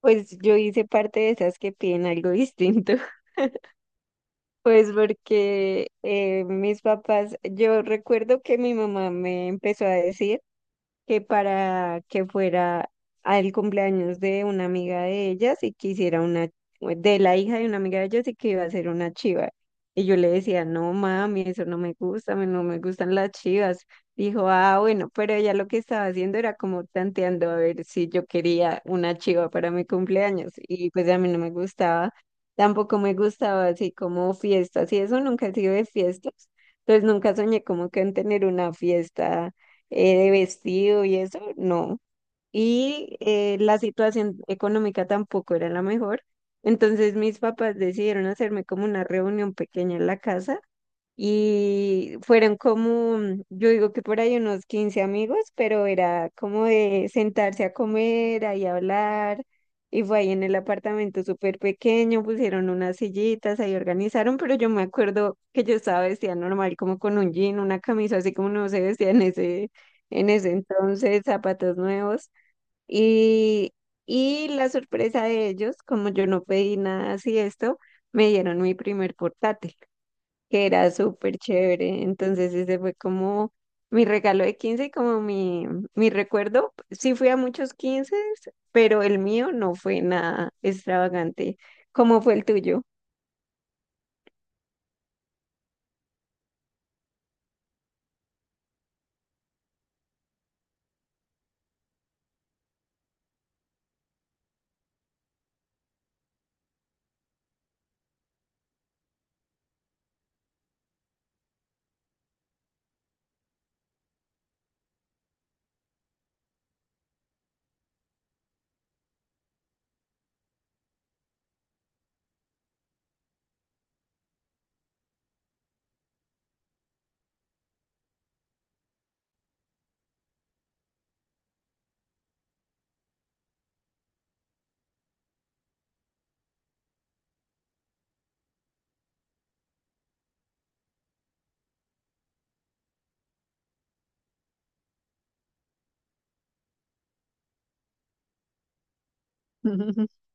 Pues yo hice parte de esas que piden algo distinto. Pues porque mis papás, yo recuerdo que mi mamá me empezó a decir que para que fuera al cumpleaños de una amiga de ellas y que hiciera una, de la hija de una amiga de ellas y que iba a ser una chiva. Y yo le decía, no mami, eso no me gusta, no me gustan las chivas. Dijo, ah, bueno, pero ella lo que estaba haciendo era como tanteando a ver si yo quería una chiva para mi cumpleaños. Y pues a mí no me gustaba, tampoco me gustaba así como fiestas y eso nunca he sido de fiestas. Entonces nunca soñé como que en tener una fiesta de vestido y eso, no. Y la situación económica tampoco era la mejor. Entonces mis papás decidieron hacerme como una reunión pequeña en la casa y fueron como, yo digo que por ahí unos 15 amigos, pero era como de sentarse a comer, ahí hablar. Y fue ahí en el apartamento súper pequeño, pusieron unas sillitas, ahí organizaron, pero yo me acuerdo que yo estaba vestida normal, como con un jean, una camisa, así como no se vestía en ese entonces, zapatos nuevos. Y, y la sorpresa de ellos, como yo no pedí nada así esto, me dieron mi primer portátil que era súper chévere. Entonces ese fue como mi regalo de 15 y como mi recuerdo. Sí fui a muchos 15 pero el mío no fue nada extravagante. ¿Cómo fue el tuyo?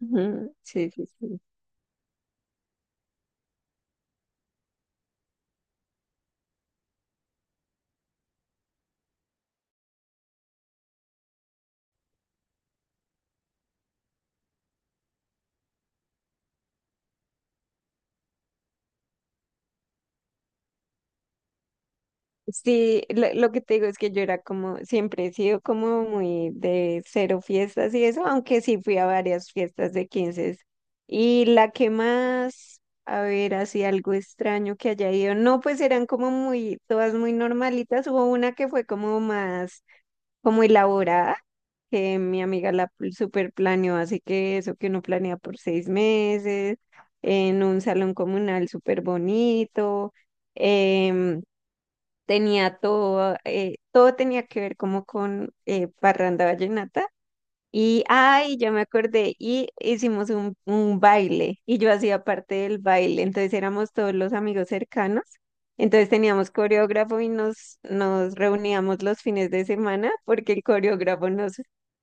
Ujú. Sí, sí, sí. Sí, lo que te digo es que yo era como, siempre he sido como muy de cero fiestas y eso, aunque sí fui a varias fiestas de 15. Y la que más, a ver, así algo extraño que haya ido, no, pues eran como muy, todas muy normalitas. Hubo una que fue como más, como elaborada, que mi amiga la super planeó, así que eso que uno planea por seis meses, en un salón comunal súper bonito tenía todo, todo tenía que ver como con Parranda Vallenata y, ay, yo me acordé, y hicimos un baile, y yo hacía parte del baile, entonces éramos todos los amigos cercanos, entonces teníamos coreógrafo y nos reuníamos los fines de semana porque el coreógrafo nos,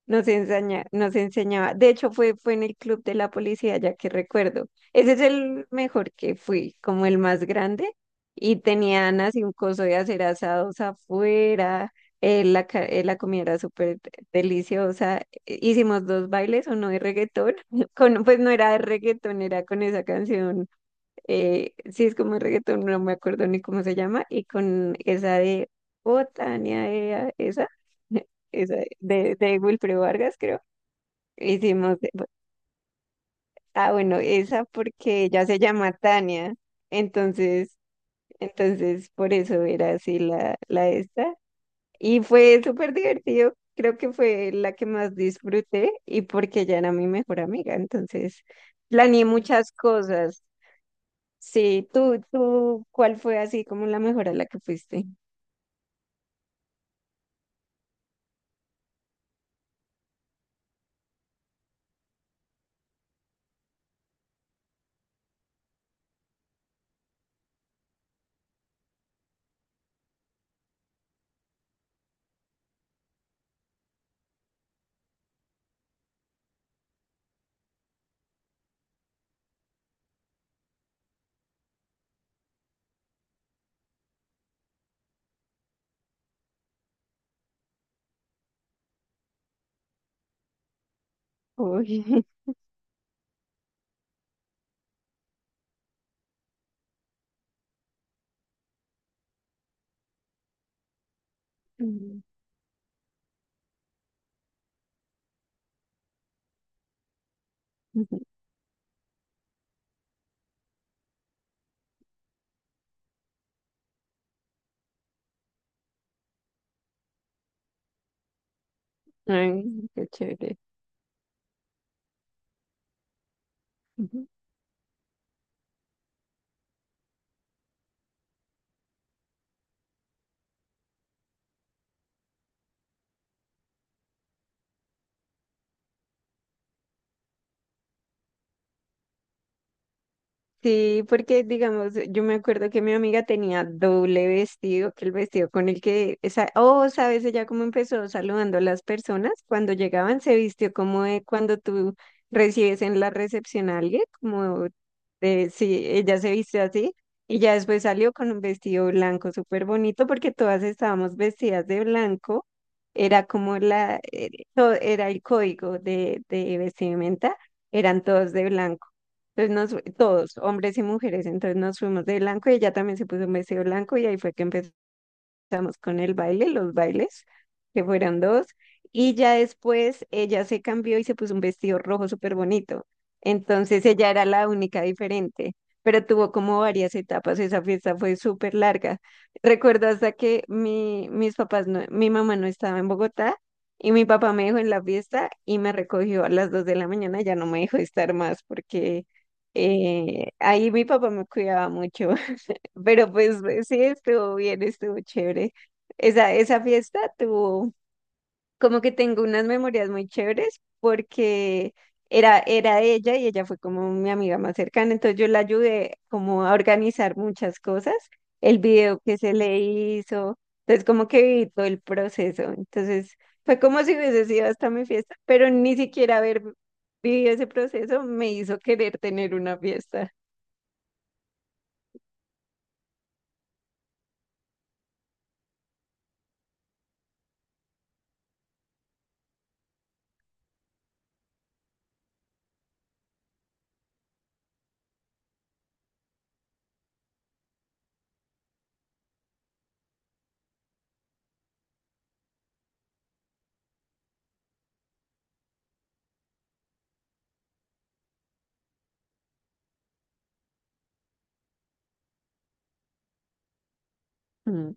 nos enseña, nos enseñaba, de hecho fue en el club de la policía, ya que recuerdo, ese es el mejor que fui, como el más grande, y tenían así un coso de hacer asados afuera, la comida era súper deliciosa. Hicimos dos bailes, uno de reggaetón, con, pues no era de reggaetón, era con esa canción, sí es como de reggaetón, no me acuerdo ni cómo se llama, y con esa de Botania, ea, esa, esa de Wilfrido Vargas, creo, hicimos, ah, bueno, esa porque ella se llama Tania, entonces, entonces por eso era así la esta. Y fue súper divertido. Creo que fue la que más disfruté y porque ella era mi mejor amiga. Entonces, planeé muchas cosas. Sí, tú, ¿cuál fue así como la mejor a la que fuiste? Uy. Ay, qué chévere. Sí, porque digamos, yo me acuerdo que mi amiga tenía doble vestido, que el vestido con el que, esa, oh, sabes, ella cómo empezó saludando a las personas cuando llegaban, se vistió como de cuando tú recibes en la recepción a alguien, como de, sí, ella se vistió así, y ya después salió con un vestido blanco súper bonito porque todas estábamos vestidas de blanco, era como la, era el código de vestimenta, eran todos de blanco. Entonces todos, hombres y mujeres, entonces nos fuimos de blanco y ella también se puso un vestido blanco y ahí fue que empezó. Empezamos con el baile, los bailes, que fueron dos, y ya después ella se cambió y se puso un vestido rojo súper bonito. Entonces ella era la única diferente, pero tuvo como varias etapas, esa fiesta fue súper larga. Recuerdo hasta que mis papás, mi mamá no estaba en Bogotá y mi papá me dejó en la fiesta y me recogió a las dos de la mañana, ya no me dejó estar más porque ahí mi papá me cuidaba mucho. Pero pues sí, estuvo bien, estuvo chévere. Esa fiesta tuvo como que tengo unas memorias muy chéveres porque era ella y ella fue como mi amiga más cercana, entonces yo la ayudé como a organizar muchas cosas, el video que se le hizo, entonces como que viví todo el proceso, entonces fue como si hubiese sido hasta mi fiesta, pero ni siquiera haber vivido ese proceso me hizo querer tener una fiesta. Mm.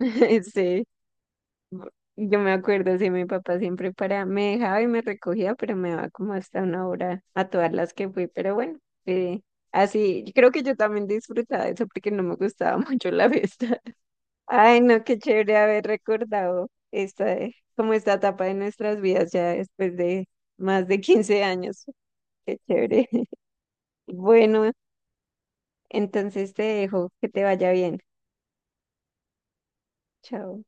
Sí, yo me acuerdo, sí, mi papá siempre para, me dejaba y me recogía, pero me daba como hasta una hora a todas las que fui, pero bueno, eh, así, creo que yo también disfrutaba de eso porque no me gustaba mucho la fiesta. Ay, no, qué chévere haber recordado esta, como esta etapa de nuestras vidas ya después de más de 15 años, qué chévere. Bueno, entonces te dejo, que te vaya bien, chao.